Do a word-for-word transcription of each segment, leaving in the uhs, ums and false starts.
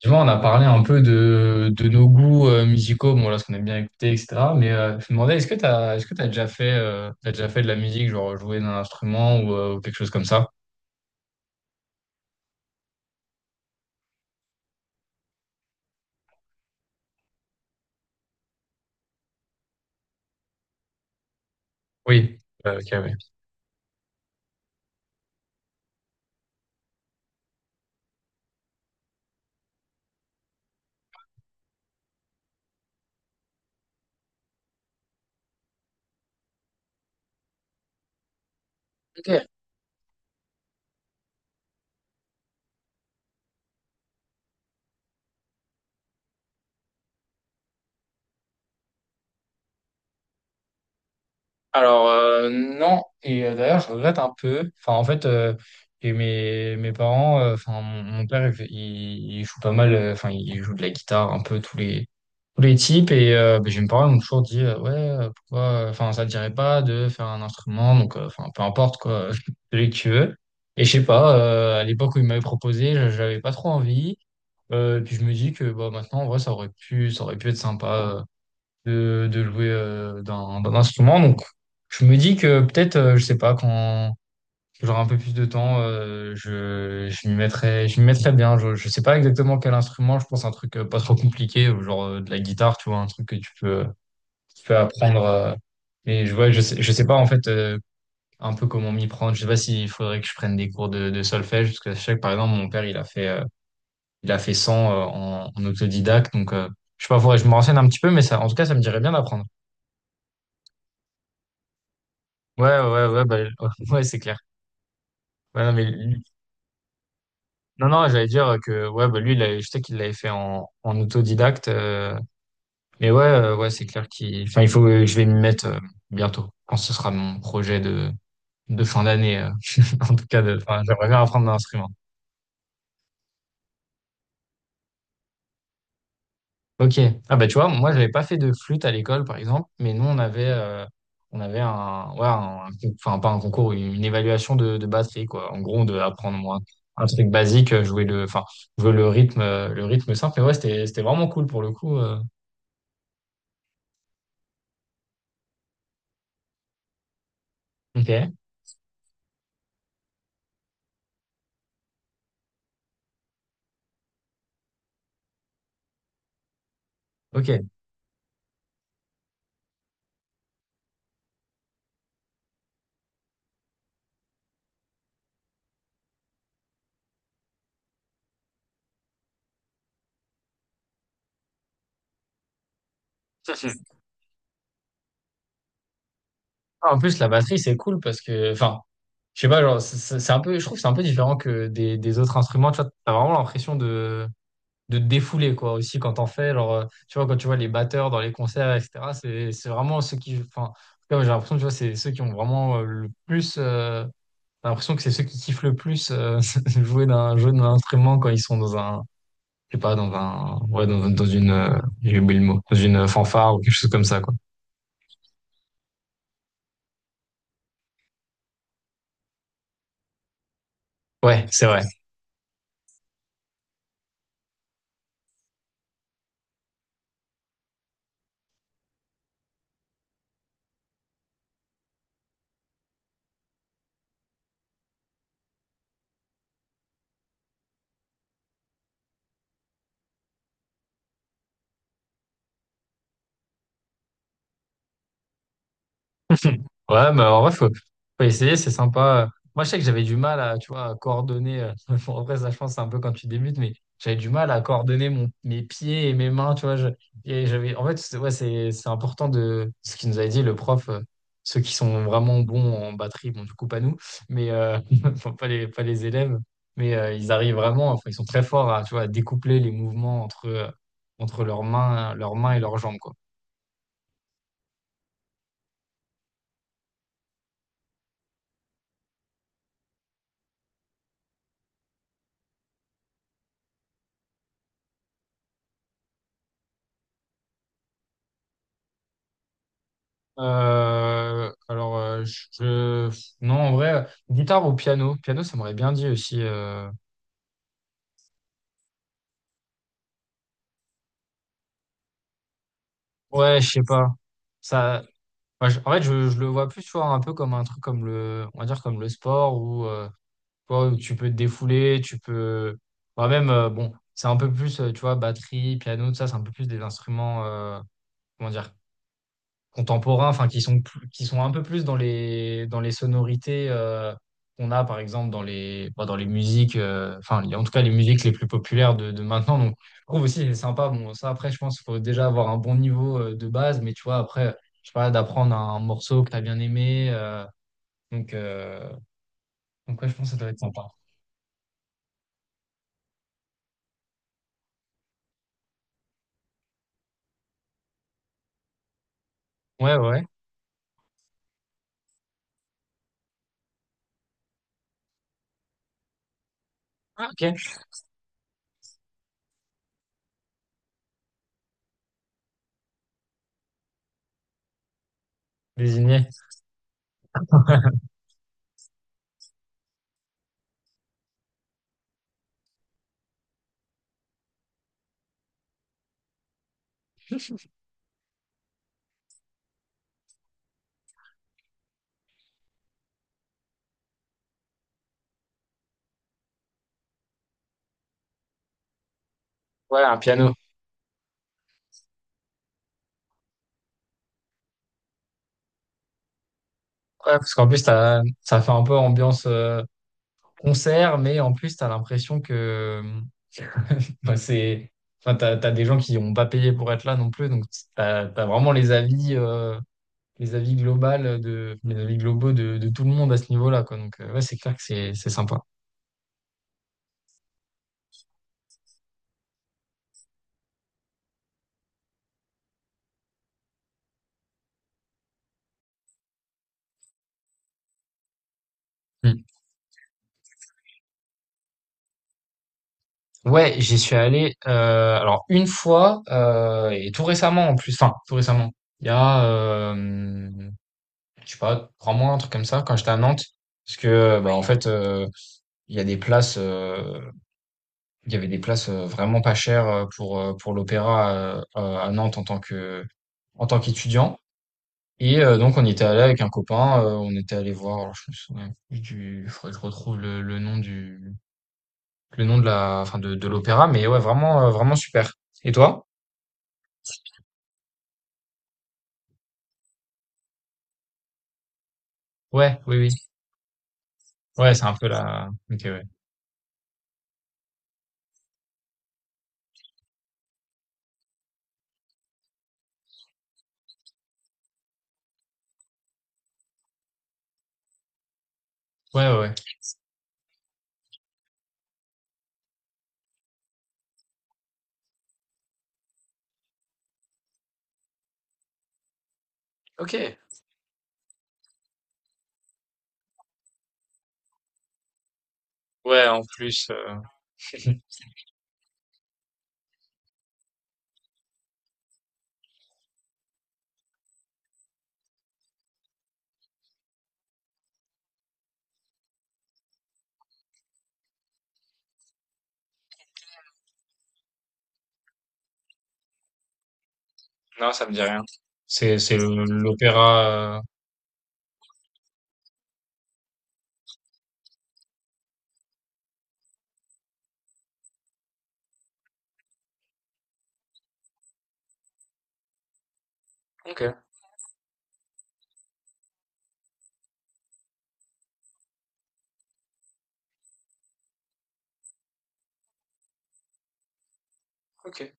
Tu vois, on a parlé un peu de, de nos goûts euh, musicaux, bon là, ce qu'on aime bien écouter, et cetera. Mais euh, je me demandais, est-ce que t'as, est-ce que t'as déjà fait, euh, t'as déjà fait de la musique, genre jouer d'un instrument ou, euh, ou quelque chose comme ça? Oui. Euh, ok, oui. Ok. Alors euh, non, et euh, d'ailleurs je regrette un peu. Enfin en fait, euh, et mes, mes parents, euh, enfin mon, mon père, il, fait- il- il joue pas mal, euh, enfin il joue de la guitare un peu tous les tous les types. Et euh, ben, j'ai mes parents ils m'ont toujours dit euh, ouais, euh, pourquoi, euh, enfin, ça te dirait pas de faire un instrument? Donc euh, enfin, peu importe quoi celui que tu veux. Et je sais pas, euh, à l'époque où ils m'avaient proposé, je- j'avais pas trop envie, euh, et puis je me dis que bah maintenant en vrai, ça aurait pu ça aurait pu être sympa, euh, de de jouer euh, d'un d'un instrument. Donc je me dis que peut-être, euh, je sais pas quand. Genre un peu plus de temps, euh, je, je m'y mettrais, je m'y mettrais bien. Je, je sais pas exactement quel instrument, je pense un truc euh, pas trop compliqué, euh, genre euh, de la guitare, tu vois, un truc que tu peux, tu peux apprendre. Euh, mais je, ouais, je sais, je sais pas en fait, euh, un peu comment m'y prendre. Je sais pas s'il faudrait que je prenne des cours de, de solfège, parce que je sais que par exemple mon père il a fait, euh, il a fait cent, euh, en, en autodidacte, donc euh, je sais pas, faudrait que je me renseigne un petit peu, mais ça, en tout cas, ça me dirait bien d'apprendre. Ouais, ouais, ouais, bah, ouais, c'est clair. Ouais, non, mais non, non, j'allais dire que ouais, bah, lui, il a- je sais qu'il l'avait fait en, en autodidacte. Euh, mais ouais, euh, ouais, c'est clair qu'il. Enfin, il faut que je vais m'y mettre euh, bientôt, quand ce sera mon projet de, de fin d'année. Euh, en tout cas, de, enfin, j'aimerais bien apprendre un instrument. Ok. Ah bah tu vois, moi, j'avais pas fait de flûte à l'école, par exemple, mais nous, on avait, euh, on avait un, ouais, un- un con- enfin pas un concours, une, une évaluation de, de batterie, quoi. En gros, on devait apprendre, moi, un truc basique, euh, jouer le, enfin, jouer le rythme, euh, le rythme simple. Mais ouais, c'était, c'était vraiment cool pour le coup. euh. Ok. Ok. Ah, en plus, la batterie, c'est cool parce que, enfin, je sais pas, genre, c'est c'est- c'est un peu, je trouve que c'est un peu différent que des, des autres instruments. Tu vois, t'as vraiment l'impression de, de te défouler, quoi, aussi quand t'en fais. Genre, euh, tu vois, quand tu vois les batteurs dans les concerts, et cetera, c'est, c'est vraiment ceux qui, enfin, en tout cas, j'ai l'impression, tu vois, c'est ceux qui ont vraiment, euh, le plus, euh, t'as l'impression que c'est ceux qui kiffent le plus, euh, jouer d'un, jouer d'un instrument quand ils sont dans un, je sais pas, dans un, ouais, dans, dans une, euh, j'ai oublié le mot, dans une fanfare ou quelque chose comme ça, quoi. Ouais, c'est vrai. Ouais, mais en vrai, faut, faut essayer, c'est sympa. Euh, Moi, je sais que j'avais du mal à, tu vois, à coordonner. Euh, bon, après, ça, je pense, c'est un peu quand tu débutes, mais j'avais du mal à coordonner mon, mes pieds et mes mains, tu vois. Je, et j'avais, en fait, c'est- ouais, c'est, c'est important, de ce qu'il nous avait dit, le prof, euh, ceux qui sont vraiment bons en batterie, bon, du coup, pas nous, mais euh, enfin, pas les, pas les élèves, mais euh, ils arrivent vraiment, enfin, ils sont très forts à, tu vois, à découpler les mouvements entre, euh, entre leurs mains, leurs mains et leurs jambes, quoi. Euh, alors, euh, je, je- non, en vrai, euh, guitare ou piano. Piano, ça m'aurait bien dit aussi. euh. Ouais, je sais pas. Ça, moi, je- en fait, je, je le vois plus, tu vois, un peu comme un truc, comme le, on va dire, comme le sport, où, euh, tu vois, où tu peux te défouler, tu peux, bah, même, euh, bon, c'est un peu plus, euh, tu vois, batterie, piano, tout ça, c'est un peu plus des instruments, euh, comment dire, contemporains, enfin, qui sont plus- qui sont un peu plus dans les dans les sonorités euh, qu'on a par exemple dans les bon, dans les musiques, euh, enfin, en tout cas les musiques les plus populaires de, de maintenant. Donc je trouve aussi c'est sympa. Bon, ça, après, je pense qu'il faut déjà avoir un bon niveau, euh, de base, mais tu vois après, je sais pas, d'apprendre un morceau que t'as bien aimé. euh, donc euh, donc ouais, je pense que ça doit être sympa. Ouais, ouais. Ah, ok. Désigné. Ouais, un piano. Ouais, parce qu'en plus t'as- ça fait un peu ambiance, euh, concert, mais en plus t'as l'impression que, enfin, c'est, enfin, t'as, t'as des gens qui n'ont pas payé pour être là non plus, donc t'as, t'as vraiment les avis, euh, les avis globales de, les avis globaux de, de tout le monde à ce niveau-là, quoi. Donc, euh, ouais, c'est clair que c'est, c'est sympa. Mm. Ouais, j'y suis allé, euh, alors, une fois, euh, et tout récemment en plus, enfin, tout récemment. Il y a, euh, je sais pas, trois mois, un truc comme ça, quand j'étais à Nantes. Parce que, bah, en, oui, fait, euh, il y a des places. euh, Il y avait des places, heu, vraiment pas chères, heu, pour, heu, pour l'opéra, heu, à à Nantes, en tant que en tant qu'étudiant, et heu, donc on y était allé avec un copain. Heu, on était allé voir, alors je me souviens plus du il faudrait que je retrouve le le nom du le nom de la enfin de de l'opéra, mais ouais, vraiment, heu, vraiment super. Et toi? Ouais, oui, oui. Ouais, c'est un peu la ok, ouais. Ouais, ouais, ouais. OK. Ouais, en plus, heu, non, ça me dit rien. C'est c'est le l'opéra, heu ok, ok,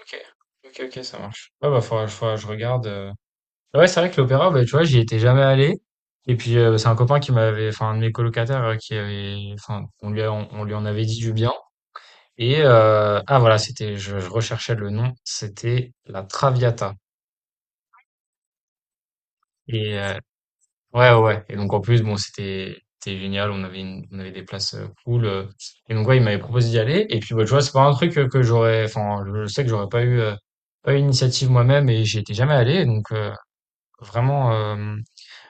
ok. OK, ok, ça marche. Ouais, bah, faudra faudra que je regarde. heu Ouais, c'est vrai que l'opéra, bah, tu vois, j'y étais jamais allé. Et puis, euh, c'est un copain qui m'avait, enfin, un de mes colocataires, euh, qui avait, enfin, on lui, a- on, on lui en avait dit du bien. Et, euh, ah, voilà, c'était, je, je recherchais le nom, c'était la Traviata. Et, euh, ouais, ouais, ouais. Et donc, en plus, bon, c'était, c'était génial, on avait une- on avait des places euh, cool. euh. Et donc, ouais, il m'avait proposé d'y aller. Et puis, bah, tu vois, c'est pas un truc euh, que j'aurais, enfin, je sais que j'aurais pas eu, euh, pas eu l'initiative moi-même, et j'y étais jamais allé. Donc, euh, vraiment, euh,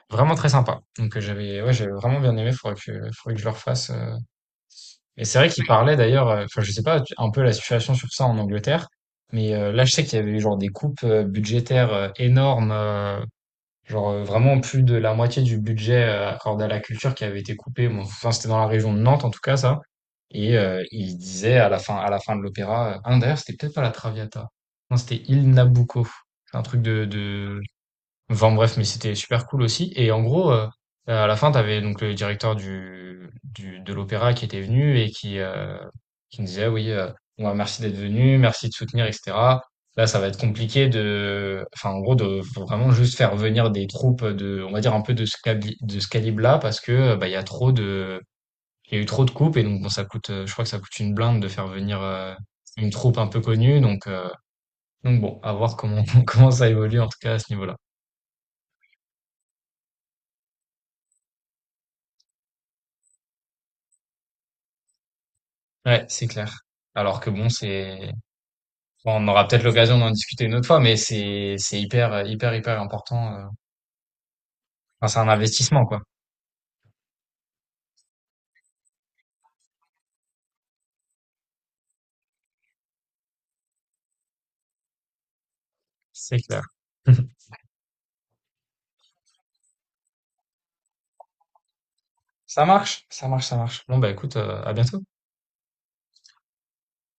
Vraiment très sympa. Donc, heu, j'avais, ouais, j'avais vraiment bien aimé, faudrait que faudrait que je le refasse. Heu et c'est vrai qu'il, ouais, parlait d'ailleurs, heu, enfin, je sais pas, tu, un peu, la situation sur ça en Angleterre, mais heu, là, je sais qu'il y avait eu genre des coupes, heu, budgétaires, heu, énormes, heu, genre, heu, vraiment plus de la moitié du budget heu, accordé à la culture qui avait été coupé. Bon, enfin, c'était dans la région de Nantes, en tout cas, ça. Et heu, il disait à la fin à la fin de l'opéra, heu ah d'ailleurs, c'était peut-être pas la Traviata. Non, c'était Il Nabucco. C'est un truc de de enfin bref, mais c'était super cool aussi. Et en gros, heu, à la fin, t'avais donc le directeur du du de l'opéra qui était venu et qui, heu, qui me disait: ah «Oui, heu, bon, bah, merci d'être venu, merci de soutenir, et cetera. Là, ça va être compliqué de» enfin, en gros, de faut vraiment juste faire venir des troupes, de, on va dire, un peu de ce cabli de ce calibre-là, parce que, heu, bah, il y a trop de il y a eu trop de coupes et donc bon, ça coûte, heu, je crois que ça coûte une blinde de faire venir, heu, une troupe un peu connue, donc, heu, donc bon, à voir comment comment ça évolue en tout cas à ce niveau-là. Ouais, c'est clair. Alors que bon, c'est, enfin, on aura peut-être l'occasion d'en discuter une autre fois, mais c'est, c'est, hyper, hyper, hyper important. euh. Enfin, c'est un investissement, quoi. C'est clair. Ça marche, ça marche, ça marche. Bon, bah écoute, euh, à bientôt.